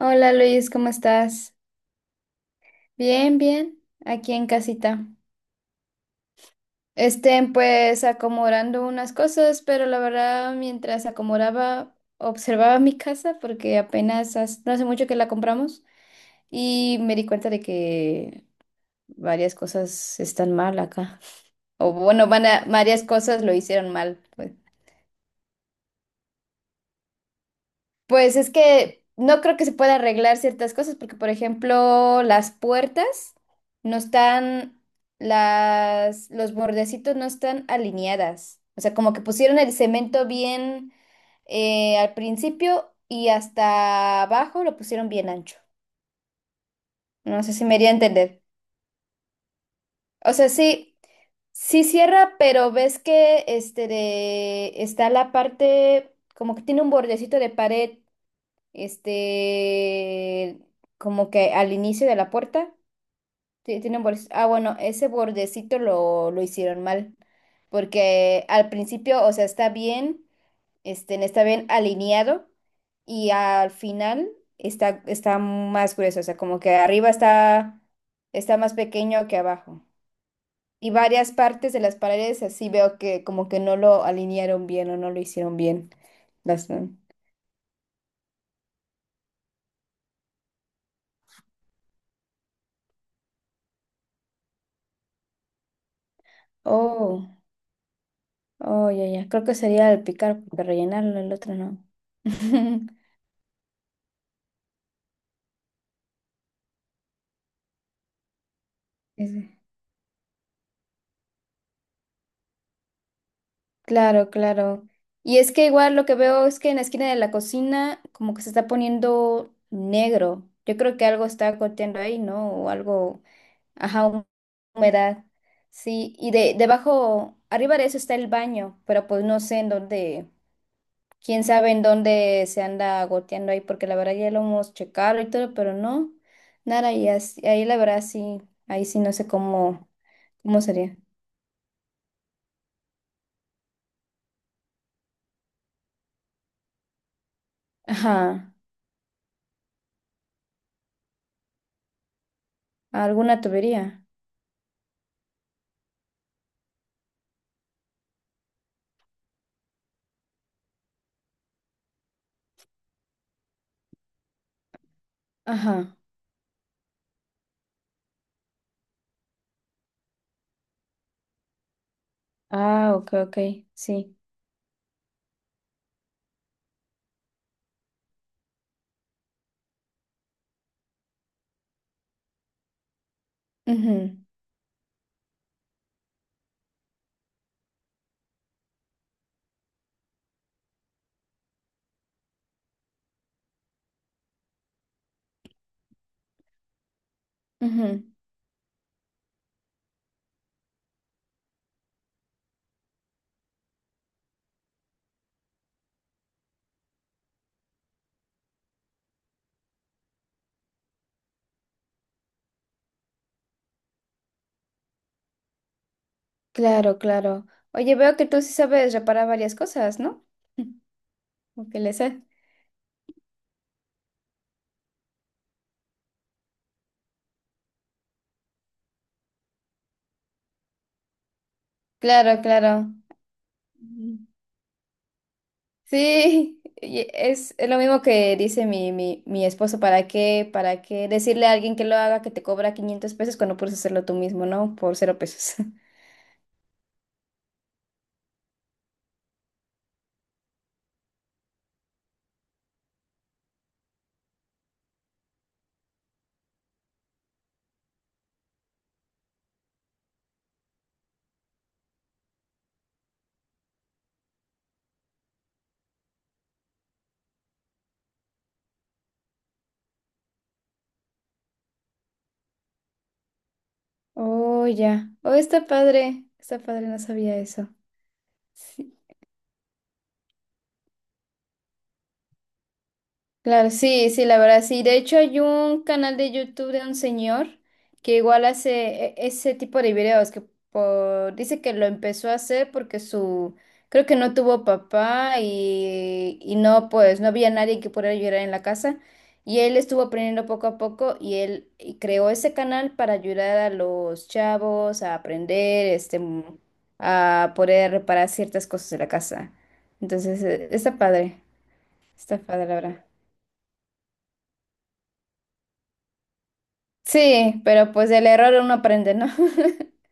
Hola Luis, ¿cómo estás? Bien, bien, aquí en casita. Estén pues acomodando unas cosas, pero la verdad mientras acomodaba, observaba mi casa porque no hace mucho que la compramos y me di cuenta de que varias cosas están mal acá. O bueno, varias cosas lo hicieron mal, pues. Pues es que no creo que se pueda arreglar ciertas cosas, porque por ejemplo, las puertas no están, los bordecitos no están alineadas. O sea, como que pusieron el cemento bien al principio y hasta abajo lo pusieron bien ancho. No sé si me iría a entender. O sea, sí, sí cierra, pero ves que está la parte, como que tiene un bordecito de pared. Este, Como que al inicio de la puerta, ah, bueno, ese bordecito lo hicieron mal, porque al principio, o sea, está bien, está bien alineado y al final está, está más grueso, o sea, como que arriba está, está más pequeño que abajo. Y varias partes de las paredes así veo que como que no lo alinearon bien o no lo hicieron bien. Las, oh. Oh, ya, ya. Creo que sería el picar, porque rellenarlo, el otro no. Ese. Claro, claro. Y es que igual lo que veo es que en la esquina de la cocina como que se está poniendo negro. Yo creo que algo está goteando ahí, ¿no? O algo, ajá, humedad. Sí, y de debajo, arriba de eso está el baño, pero pues no sé en dónde. Quién sabe en dónde se anda goteando ahí, porque la verdad ya lo hemos checado y todo, pero no, nada, y ahí la verdad sí, ahí sí no sé cómo, cómo sería. Ajá, alguna tubería. Ajá. Ah, ok, ok, sí. Ujú, ujú. Claro, claro. Oye, veo que tú sí sabes reparar varias cosas, ¿no? O que le sé. Claro, claro. Sí, y es lo mismo que dice mi esposo, para qué decirle a alguien que lo haga que te cobra 500 pesos cuando puedes hacerlo tú mismo, ¿no? Por 0 pesos. Oh, ya. Oh, está padre. Está padre, no sabía eso. Sí. Claro, sí, sí, la verdad, sí. De hecho, hay un canal de YouTube de un señor que igual hace ese tipo de videos, que dice que lo empezó a hacer porque su, creo que no tuvo papá y no, pues, no había nadie que pudiera ayudar en la casa. Y él estuvo aprendiendo poco a poco y él y creó ese canal para ayudar a los chavos a aprender, este, a poder reparar ciertas cosas de la casa. Entonces, está padre, la verdad. Sí, pero pues del error uno aprende, ¿no?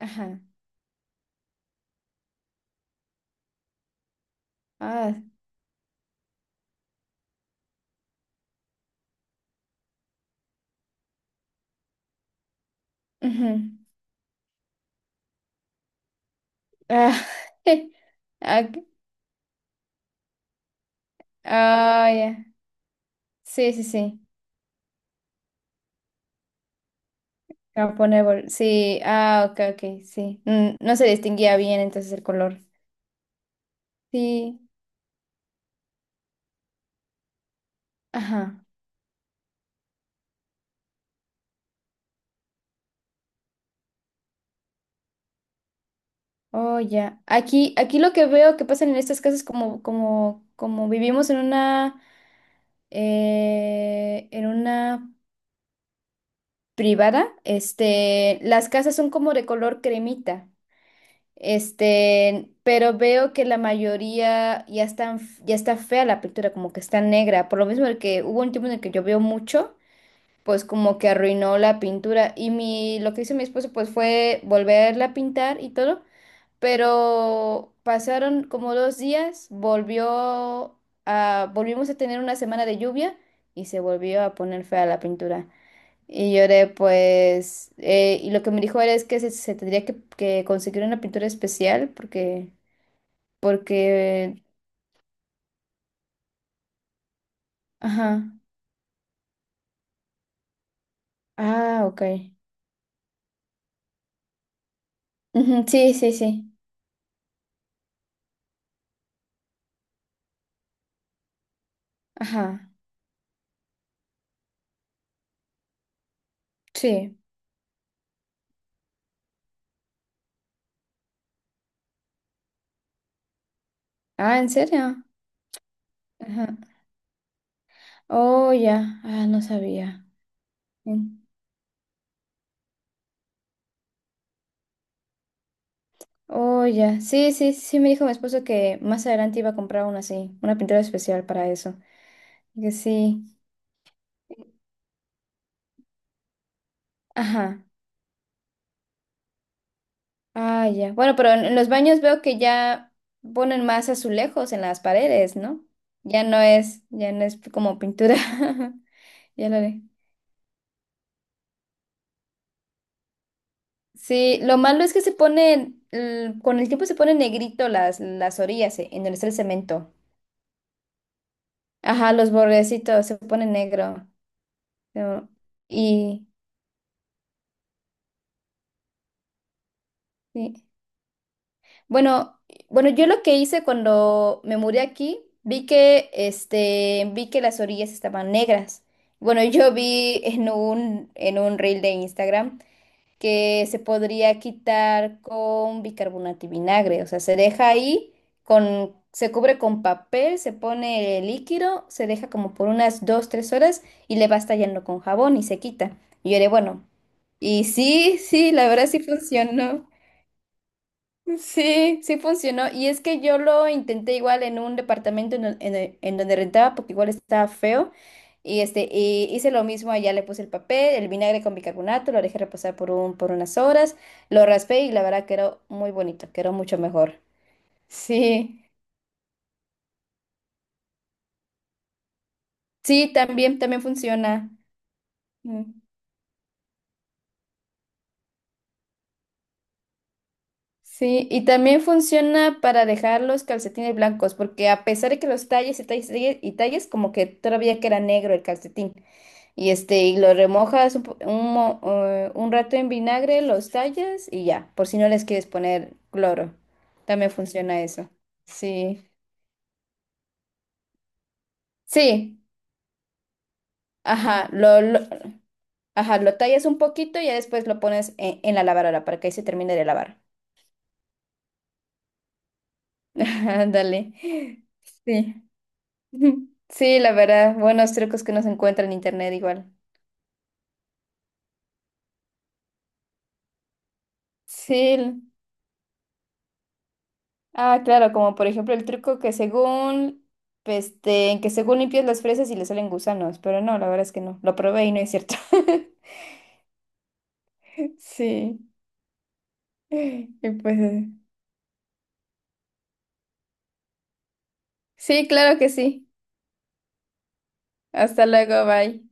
Ajá. Ah, ujú. Ah, ah, ok. Ah, ya. Sí, sí, sí. Japonés, sí. Ah, ok, ok, sí. Mm, no se distinguía bien entonces el color. Sí. Ajá. Oh, ya. Aquí, aquí lo que veo que pasa en estas casas como, como, como vivimos en una privada, este, las casas son como de color cremita. Este, pero veo que la mayoría ya están, ya está fea la pintura, como que está negra. Por lo mismo el que hubo un tiempo en el que llovió mucho, pues como que arruinó la pintura. Y mi, lo que hizo mi esposo pues fue volverla a pintar y todo. Pero pasaron como 2 días, volvimos a tener una semana de lluvia y se volvió a poner fea la pintura. Y lloré, pues, y lo que me dijo era es que se tendría que conseguir una pintura especial porque, porque, ajá, ah, ok. Ujú, sí, sí, sí, ajá, sí. Ah, ¿en serio? Ajá. Oh, ya, ah, no sabía. Mm. Oh, ya, sí, sí, sí, me dijo mi esposo que más adelante iba a comprar una así, una pintura especial para eso. Que sí, ajá. Ah, ya. Bueno, pero en los baños veo que ya ponen más azulejos en las paredes, ¿no? Ya no es como pintura. Ya lo haré. Sí, lo malo es que se ponen, con el tiempo se ponen negrito las orillas, en donde está el cemento. Ajá, los bordecitos se ponen negro. Pero- y sí. Bueno, bueno, yo lo que hice cuando me mudé aquí, vi que, este, vi que las orillas estaban negras. Bueno, yo vi en un reel de Instagram que se podría quitar con bicarbonato y vinagre. O sea, se deja ahí con, se cubre con papel, se pone el líquido, se deja como por unas 2, 3 horas y le vas tallando con jabón y se quita. Y yo diré, bueno, y sí, sí, la verdad sí funcionó. Sí, sí funcionó. Y es que yo lo intenté igual en un departamento en en donde rentaba, porque igual estaba feo. Y este, y hice lo mismo allá, le puse el papel, el vinagre con bicarbonato, lo dejé reposar por por unas horas, lo raspé y la verdad quedó muy bonito, quedó mucho mejor. Sí, sí, también, también funciona. Mm. Sí, y también funciona para dejar los calcetines blancos, porque a pesar de que los talles y talles y talles, y talles, como que todavía queda negro el calcetín. Y este, y lo remojas un, po- un mo- un rato en vinagre, los tallas y ya, por si no les quieres poner cloro. También funciona eso. Sí. Sí, ajá, ajá, lo tallas un poquito y ya después lo pones en la lavadora para que ahí se termine de lavar. Ándale. Sí. Sí, la verdad, buenos trucos que no se encuentran en internet igual. Sí. Ah, claro, como por ejemplo el truco que según, este, en que según limpias las fresas y le salen gusanos, pero no, la verdad es que no, lo probé y no es cierto. Sí, y pues sí, claro que sí. Hasta luego, bye.